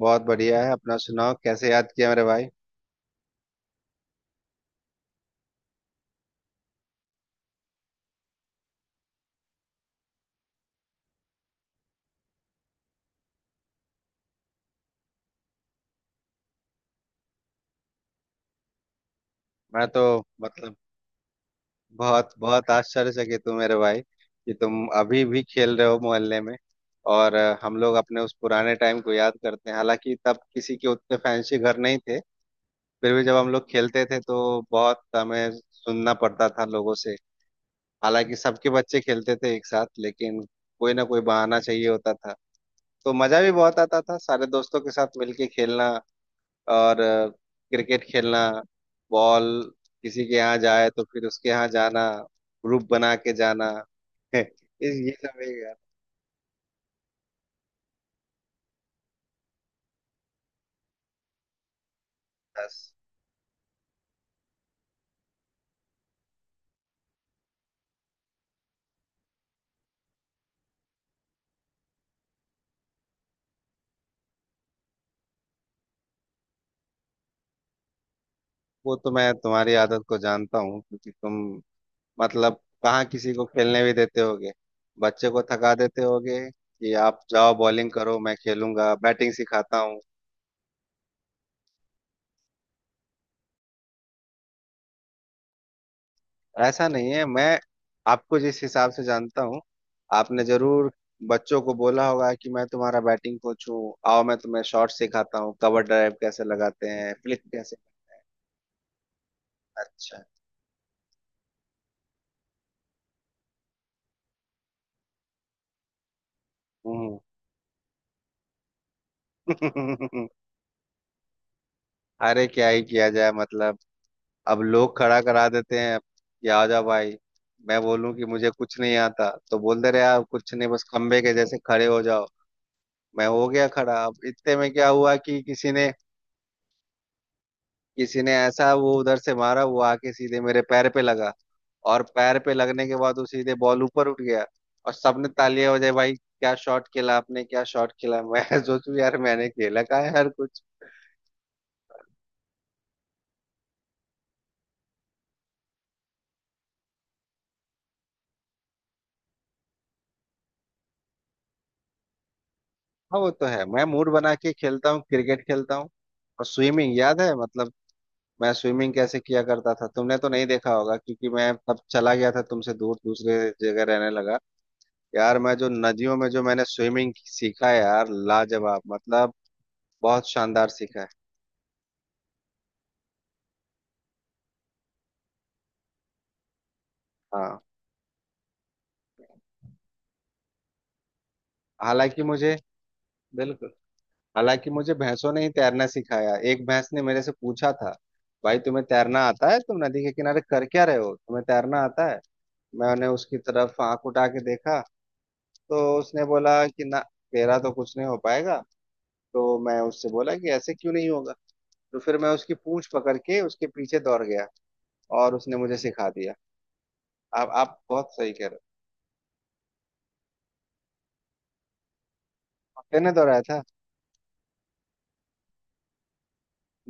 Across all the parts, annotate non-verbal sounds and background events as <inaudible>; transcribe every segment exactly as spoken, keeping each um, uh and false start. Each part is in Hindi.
बहुत बढ़िया है। अपना सुनाओ, कैसे याद किया मेरे भाई? मैं तो मतलब बहुत बहुत आश्चर्यचकित हूँ मेरे भाई कि तुम अभी भी खेल रहे हो मोहल्ले में। और अ, हम लोग अपने उस पुराने टाइम को याद करते हैं, हालांकि तब किसी के उतने फैंसी घर नहीं थे। फिर भी जब हम लोग खेलते थे तो बहुत हमें सुनना पड़ता था लोगों से। हालांकि सबके बच्चे खेलते थे एक साथ, लेकिन कोई ना कोई बहाना चाहिए होता था। तो मजा भी बहुत आता था सारे दोस्तों के साथ मिलके खेलना, और क्रिकेट खेलना, बॉल किसी के यहाँ जाए तो फिर उसके यहाँ जाना, ग्रुप बना के जाना। <laughs> इस ये सब एक आदत था। वो तो मैं तुम्हारी आदत को जानता हूँ, क्योंकि तुम मतलब कहाँ किसी को खेलने भी देते होगे। बच्चे को थका देते होगे कि आप जाओ बॉलिंग करो, मैं खेलूंगा, बैटिंग सिखाता हूँ। ऐसा नहीं है, मैं आपको जिस हिसाब से जानता हूँ, आपने जरूर बच्चों को बोला होगा कि मैं तुम्हारा बैटिंग कोच हूँ, आओ मैं तुम्हें शॉट सिखाता हूँ, कवर ड्राइव कैसे लगाते हैं, फ्लिक कैसे। अच्छा। हम्म। <laughs> अरे क्या ही किया जाए, मतलब अब लोग खड़ा करा देते हैं कि आ जा भाई। मैं बोलूं कि मुझे कुछ नहीं आता, तो बोलते रहे आप कुछ नहीं, बस खंबे के जैसे खड़े हो जाओ। मैं हो गया खड़ा, अब इतने में क्या हुआ कि किसी ने किसी ने ऐसा वो उधर से मारा, वो आके सीधे मेरे पैर पे लगा। और पैर पे लगने के बाद वो सीधे बॉल ऊपर उठ गया, और सबने तालियां बजाई, भाई क्या शॉट खेला आपने, क्या शॉट खेला, मैं <laughs> सोचू यार मैंने खेला का है हर कुछ। हाँ वो तो है, मैं मूड बना के खेलता हूँ, क्रिकेट खेलता हूँ। और स्विमिंग याद है मतलब, मैं स्विमिंग कैसे किया करता था, तुमने तो नहीं देखा होगा, क्योंकि मैं तब चला गया था तुमसे दूर, दूसरे जगह रहने लगा। यार मैं जो नदियों में जो मैंने स्विमिंग सीखा है यार, लाजवाब मतलब, बहुत शानदार सीखा है। हाँ। हालांकि मुझे बिल्कुल। हालांकि मुझे भैंसों ने ही तैरना सिखाया, एक भैंस ने मेरे से पूछा था, भाई तुम्हें तैरना आता है, तुम नदी के किनारे कर क्या रहे हो, तुम्हें तैरना आता है? मैंने उसकी तरफ आंख उठा के देखा, तो उसने बोला कि ना, तेरा तो कुछ नहीं हो पाएगा। तो मैं उससे बोला कि ऐसे क्यों नहीं होगा? तो फिर मैं उसकी पूंछ पकड़ के उसके पीछे दौड़ गया, और उसने मुझे सिखा दिया। आप आप बहुत सही कह रहे हो। कुत्ते ने दौड़ाया था?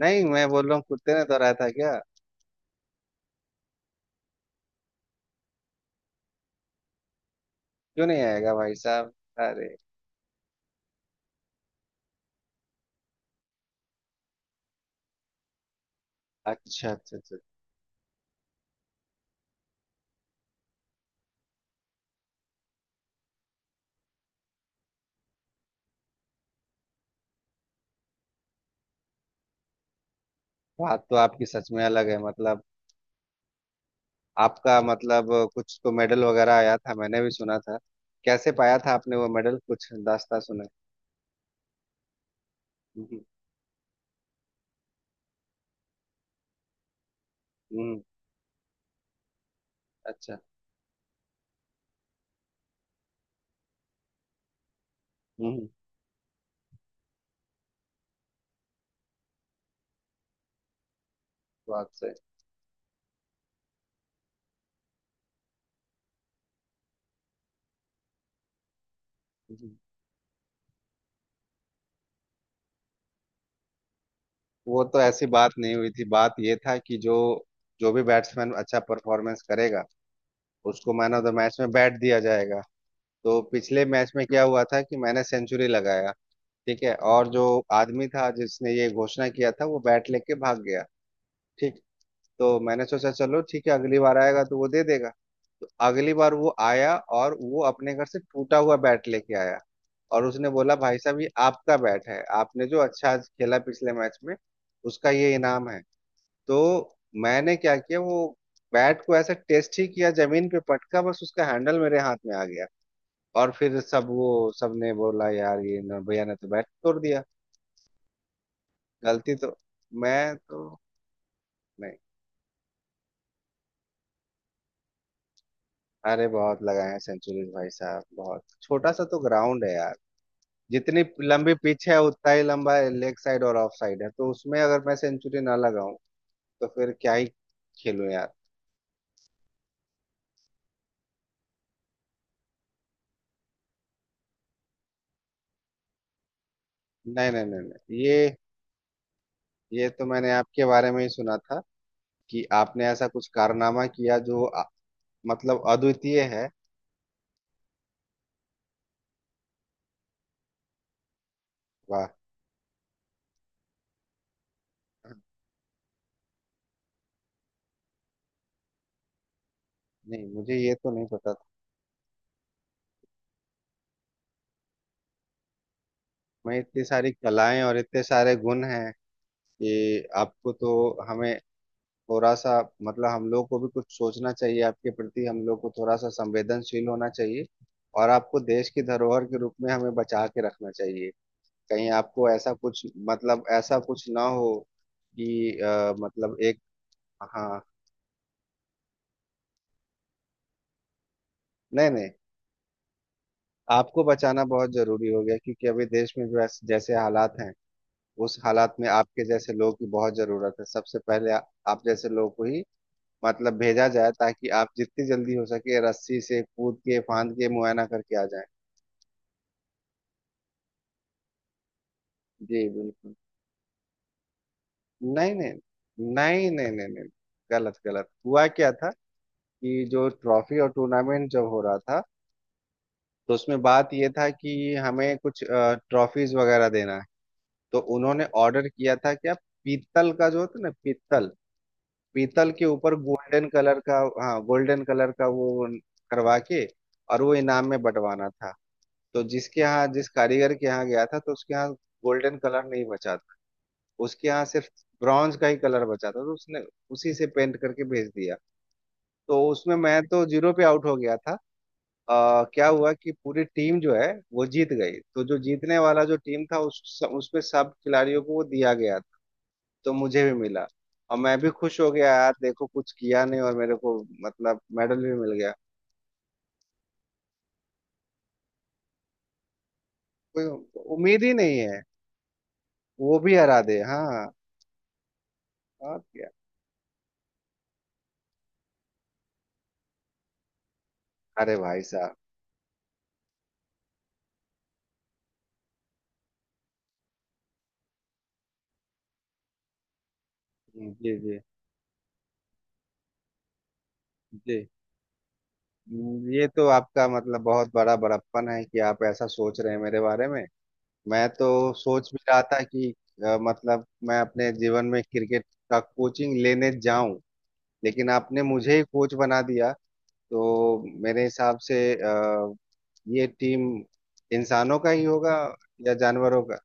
नहीं मैं बोल रहा हूँ कुत्ते ने दौड़ाया था क्या? क्यों नहीं आएगा भाई साहब, अरे। अच्छा अच्छा अच्छा। बात तो आपकी सच में अलग है, मतलब आपका मतलब कुछ तो मेडल वगैरह आया था, मैंने भी सुना था। कैसे पाया था आपने वो मेडल, कुछ दास्ता सुना। हम्म। हम्म, अच्छा। हम्म। बात से। हम्म। वो तो ऐसी बात नहीं हुई थी, बात ये था कि जो जो भी बैट्समैन अच्छा परफॉर्मेंस करेगा, उसको मैन ऑफ द मैच में बैट दिया जाएगा। तो पिछले मैच में क्या हुआ था कि मैंने सेंचुरी लगाया। ठीक है, और जो आदमी था जिसने ये घोषणा किया था, वो बैट लेके भाग गया। ठीक, तो मैंने सोचा चलो ठीक है, अगली बार आएगा तो वो दे देगा। तो अगली बार वो आया, और वो अपने घर से टूटा हुआ बैट लेके आया, और उसने बोला भाई साहब ये आपका बैट है, आपने जो अच्छा आज खेला पिछले मैच में, उसका ये इनाम है। तो मैंने क्या किया, वो बैट को ऐसा टेस्ट ही किया, जमीन पे पटका, बस उसका हैंडल मेरे हाथ में आ गया। और फिर सब, वो सबने बोला यार ये न- भैया ने तो बैट तोड़ दिया। गलती तो, मैं तो, नहीं। अरे बहुत लगाए हैं सेंचुरीज भाई साहब, बहुत छोटा सा तो ग्राउंड है यार, जितनी लंबी पिच है उतना ही लंबा लेग साइड और ऑफ साइड है, तो उसमें अगर मैं सेंचुरी ना लगाऊं तो फिर क्या ही खेलूं यार। नहीं नहीं नहीं नहीं, ये ये तो मैंने आपके बारे में ही सुना था, कि आपने ऐसा कुछ कारनामा किया जो आ, मतलब अद्वितीय है, वाह। नहीं मुझे ये तो नहीं पता था, मैं इतनी सारी कलाएं और इतने सारे गुण हैं कि आपको तो, हमें थोड़ा सा, मतलब हम लोग को भी कुछ सोचना चाहिए, आपके प्रति हम लोग को थोड़ा सा संवेदनशील होना चाहिए। और आपको देश की धरोहर के रूप में हमें बचा के रखना चाहिए, कहीं आपको ऐसा कुछ मतलब ऐसा कुछ ना हो, कि अ, मतलब एक। हाँ। नहीं नहीं, आपको बचाना बहुत जरूरी हो गया, क्योंकि अभी देश में जो ऐस- जैसे हालात हैं, उस हालात में आपके जैसे लोगों की बहुत जरूरत है। सबसे पहले आ, आप जैसे लोगों को ही मतलब भेजा जाए, ताकि आप जितनी जल्दी हो सके रस्सी से कूद के, फांद के, मुआयना करके आ जाएं। जी बिल्कुल। नहीं नहीं नहीं नहीं नहीं नहीं, गलत गलत हुआ क्या था कि जो ट्रॉफी और टूर्नामेंट जब हो रहा था, तो उसमें बात ये था कि हमें कुछ ट्रॉफीज वगैरह देना है। तो उन्होंने ऑर्डर किया था क्या, पीतल का जो होता है ना पीतल, पीतल के ऊपर गोल्डन कलर का। हाँ, गोल्डन कलर का वो करवा के, और वो इनाम में बंटवाना था। तो जिसके यहाँ जिस कारीगर के यहाँ गया था, तो उसके यहाँ गोल्डन कलर नहीं बचा था, उसके यहाँ सिर्फ ब्रॉन्ज का ही कलर बचा था, तो उसने उसी से पेंट करके भेज दिया। तो उसमें मैं तो जीरो पे आउट हो गया था। आ, क्या हुआ कि पूरी टीम जो है वो जीत गई, तो जो जीतने वाला जो टीम था, उस उसमें सब खिलाड़ियों को वो दिया गया था, तो मुझे भी मिला। और मैं भी खुश हो गया यार, देखो कुछ किया नहीं और मेरे को मतलब मेडल भी मिल गया। कोई उम्मीद ही नहीं है, वो भी हरा दे, हाँ और क्या। अरे भाई साहब। जी जी जी। हम्म, ये तो आपका मतलब बहुत बड़ा बड़प्पन है कि आप ऐसा सोच रहे हैं मेरे बारे में। मैं तो सोच भी रहा था कि अ, मतलब मैं अपने जीवन में क्रिकेट का कोचिंग लेने जाऊं, लेकिन आपने मुझे ही कोच बना दिया। तो मेरे हिसाब से अ, ये टीम इंसानों का ही होगा, या जानवरों का।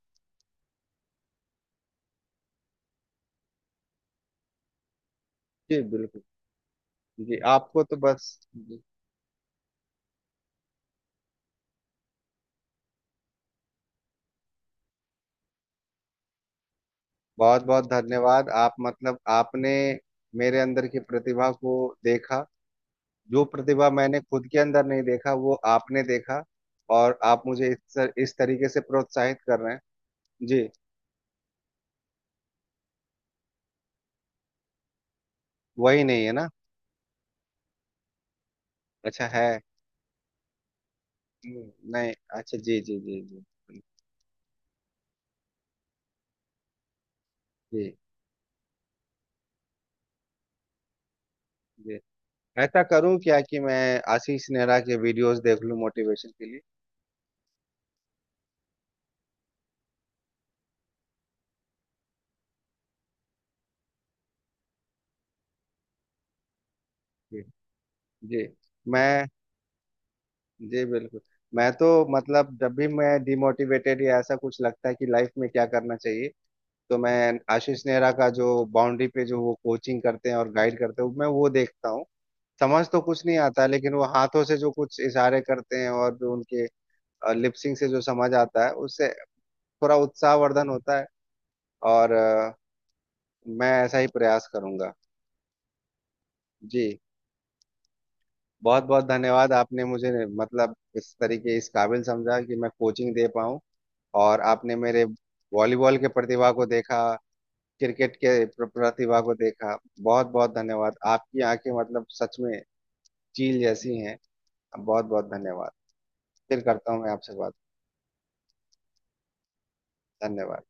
जी बिल्कुल। जी आपको तो बस, बहुत बहुत धन्यवाद आप मतलब आपने मेरे अंदर की प्रतिभा को देखा, जो प्रतिभा मैंने खुद के अंदर नहीं देखा वो आपने देखा, और आप मुझे इस तर, इस तरीके से प्रोत्साहित कर रहे हैं। जी। वही नहीं है ना। अच्छा है। हम्म, नहीं। अच्छा जी जी जी जी। जी जी। ऐसा करूं क्या कि मैं आशीष नेहरा के वीडियोस देख लूं मोटिवेशन के लिए? जी जी। मैं। जी बिल्कुल, मैं तो मतलब जब भी मैं डिमोटिवेटेड या ऐसा कुछ लगता है कि लाइफ में क्या करना चाहिए, तो मैं आशीष नेहरा का जो बाउंड्री पे जो वो कोचिंग करते हैं और गाइड करते हैं, मैं वो देखता हूँ। समझ तो कुछ नहीं आता है, लेकिन वो हाथों से जो कुछ इशारे करते हैं, और जो उनके लिपसिंग से जो समझ आता है उससे थोड़ा उत्साहवर्धन होता है। और अ, मैं ऐसा ही प्रयास करूंगा। जी। बहुत बहुत धन्यवाद, आपने मुझे मतलब इस तरीके इस काबिल समझा कि मैं कोचिंग दे पाऊँ, और आपने मेरे वॉलीबॉल के प्रतिभा को देखा, क्रिकेट के प्र- प्रतिभा को देखा। बहुत बहुत धन्यवाद, आपकी आंखें मतलब सच में चील जैसी हैं। बहुत बहुत धन्यवाद, फिर करता हूँ मैं आपसे बात। धन्यवाद।